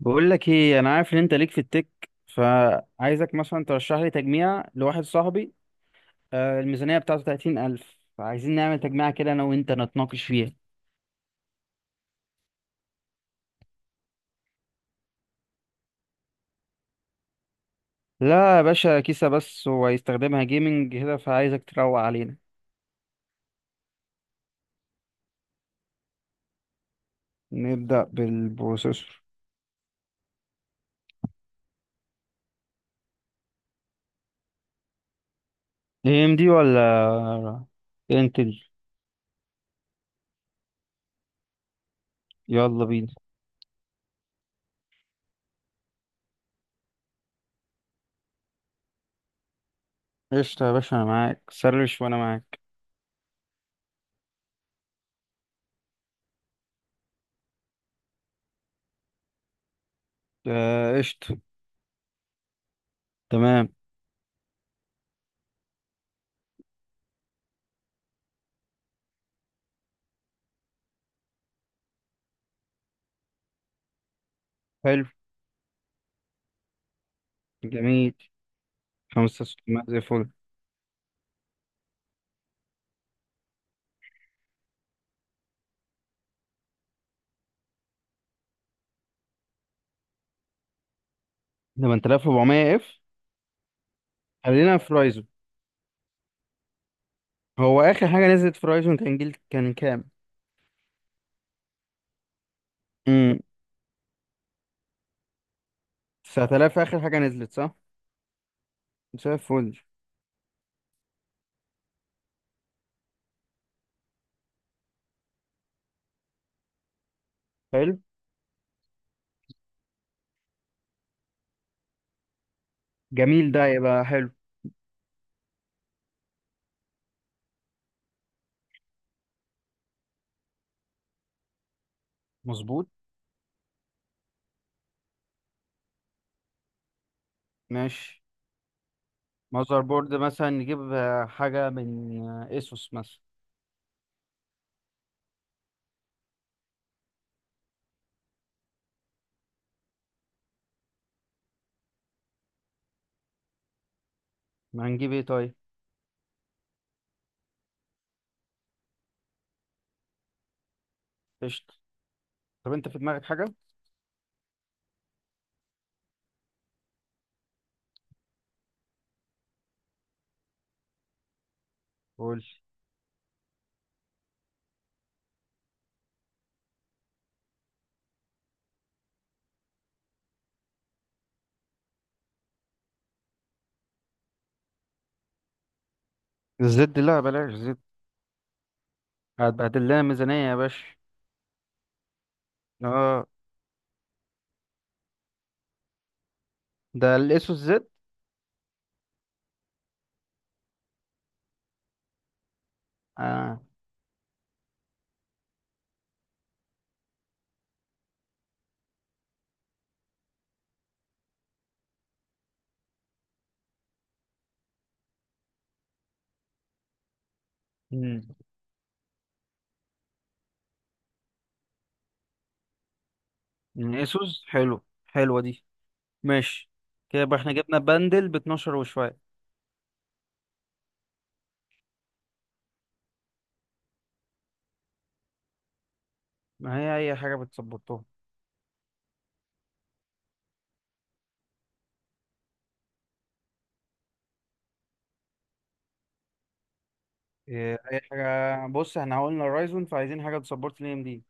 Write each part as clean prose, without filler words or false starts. بقول لك ايه، انا عارف ان انت ليك في التك، فعايزك مثلا ترشح لي تجميع لواحد صاحبي. آه، الميزانيه بتاعته 30000، فعايزين نعمل تجميعه كده انا وانت نتناقش فيها. لا يا باشا، كيسه بس وهيستخدمها جيمنج كده، فعايزك تروق علينا. نبدا بالبروسيسور. اي ام دي ولا انتل؟ يلا بينا. قشطه يا باشا، انا معاك، سرش وانا معاك. آه، قشطه. تمام. حلو. جميل. 5600 زي الفل. 8400 اف. خلينا في رايزو. هو اخر حاجه نزلت في رايزون كان جيل كان كام؟ امم. 9000 اخر حاجه نزلت صح. زي الفل. حلو. جميل، ده يبقى حلو. مظبوط. ماشي. ماذر بورد مثلا نجيب حاجه من اسوس مثلا. ما هنجيب ايه طيب؟ قشطه. طب انت في دماغك حاجه؟ قول. الزد لا، بلاش زد. هتبهدل لنا ميزانيه يا باشا. اه، ده الاسوس زد. اه. مم. من اسوس، حلو. حلوه دي. ماشي. كده يبقى احنا جبنا بندل ب 12 وشويه. ما هي اي حاجه بتسبورتها. إيه، اي حاجه. بص احنا قلنا الرايزون، فعايزين حاجه تسبورت ال ام دي.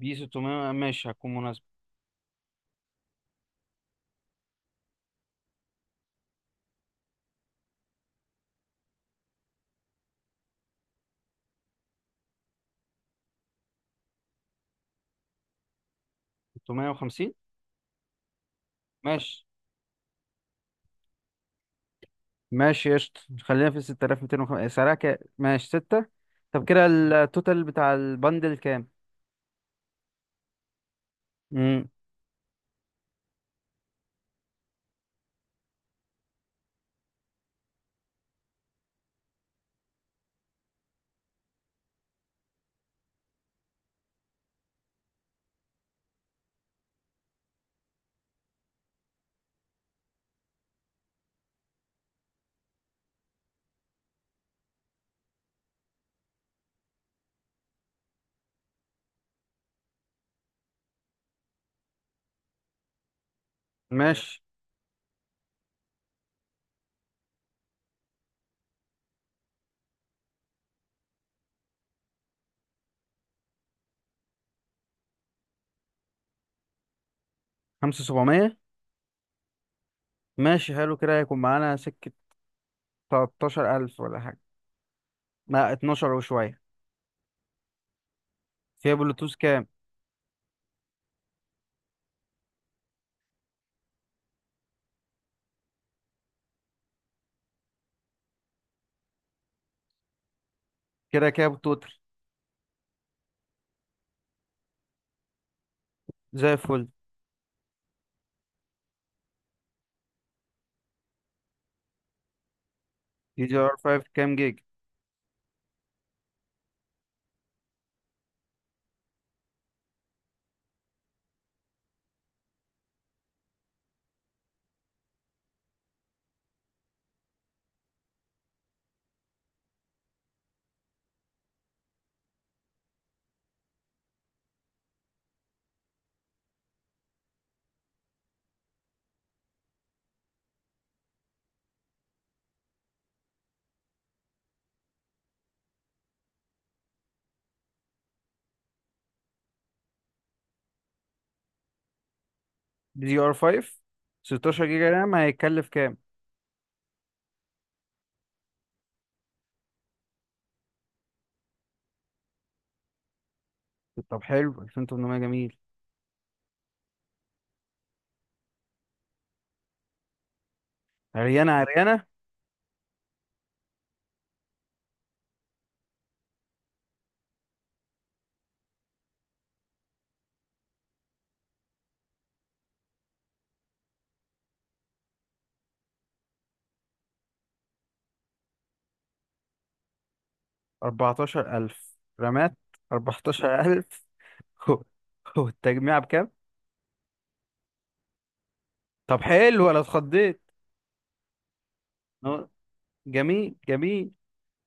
دي 600، ماشي هتكون مناسبه. 650 ماشي. ماشي قشطة، خلينا في 6250. سعرها كام؟ ماشي 6. طب كده التوتال بتاع البندل كام؟ امم. ماشي. 5700. ماشي حلو، كده هيكون معانا سكه. 13000 ولا حاجه؟ لا 12 وشويه. فيها بلوتوث كام؟ كده كام التوتال؟ زي الفل. دي دي ار 5 كام جيج؟ دي ار 5. 16 جيجا رام هيكلف كام؟ طب حلو. 2800 جميل. عريانة عريانة. 14000 رامات. 14000. هو هو التجميع بكام؟ طب حلو، انا اتخضيت. أهو. جميل جميل.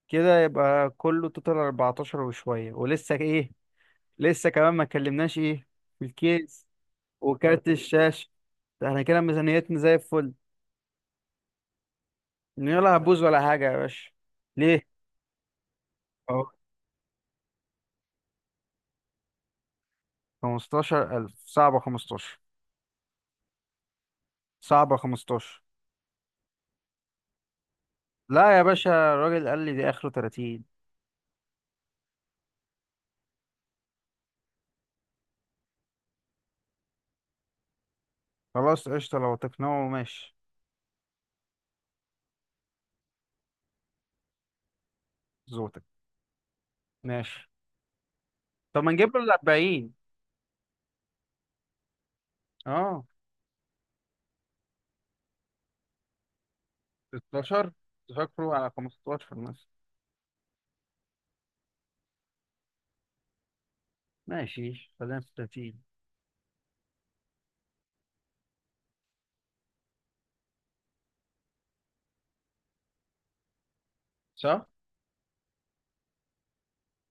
كده يبقى كله توتال 14 وشوية، ولسه ايه؟ لسه كمان ما اتكلمناش ايه؟ في الكيس، وكارت الشاشة. ده احنا كده ميزانيتنا زي الفل. يلا هبوز ولا حاجة يا باشا؟ ليه؟ اهو. 15000 صعبة. 15 صعبة. 15 لا يا باشا، الراجل قال لي دي آخره 30. خلاص قشطة، لو تقنعه ماشي. زوتك ماشي. طب ما نجيب له ال 40. اه 16. تفكروا على 15 مثلا. ماشي خلينا في 30. صح؟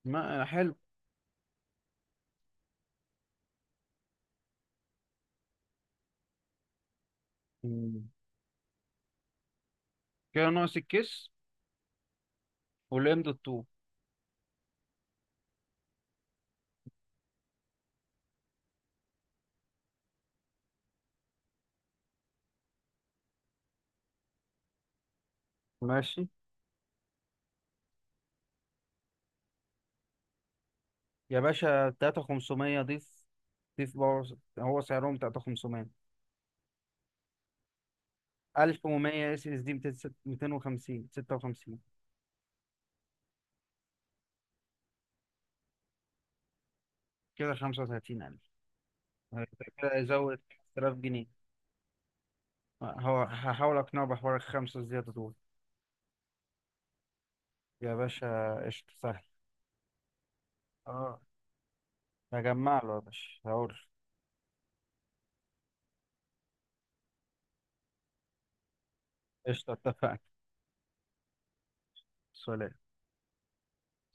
ما حلو. مم. كده ناقص الكيس والام الطوب. ماشي. يا باشا 3500 ضيف. ضيف باور، هو سعرهم 3500. 1100 اس اس دي، 250، 56. كده 35000. هيبقى كده يزود 5000 جنيه. هو هحاول اقنعه بحوار الخمسة الزيادة دول. يا باشا قشطة سهل. اه هجمع له يا باشا، هقول. قشطة اتفقنا. سلام.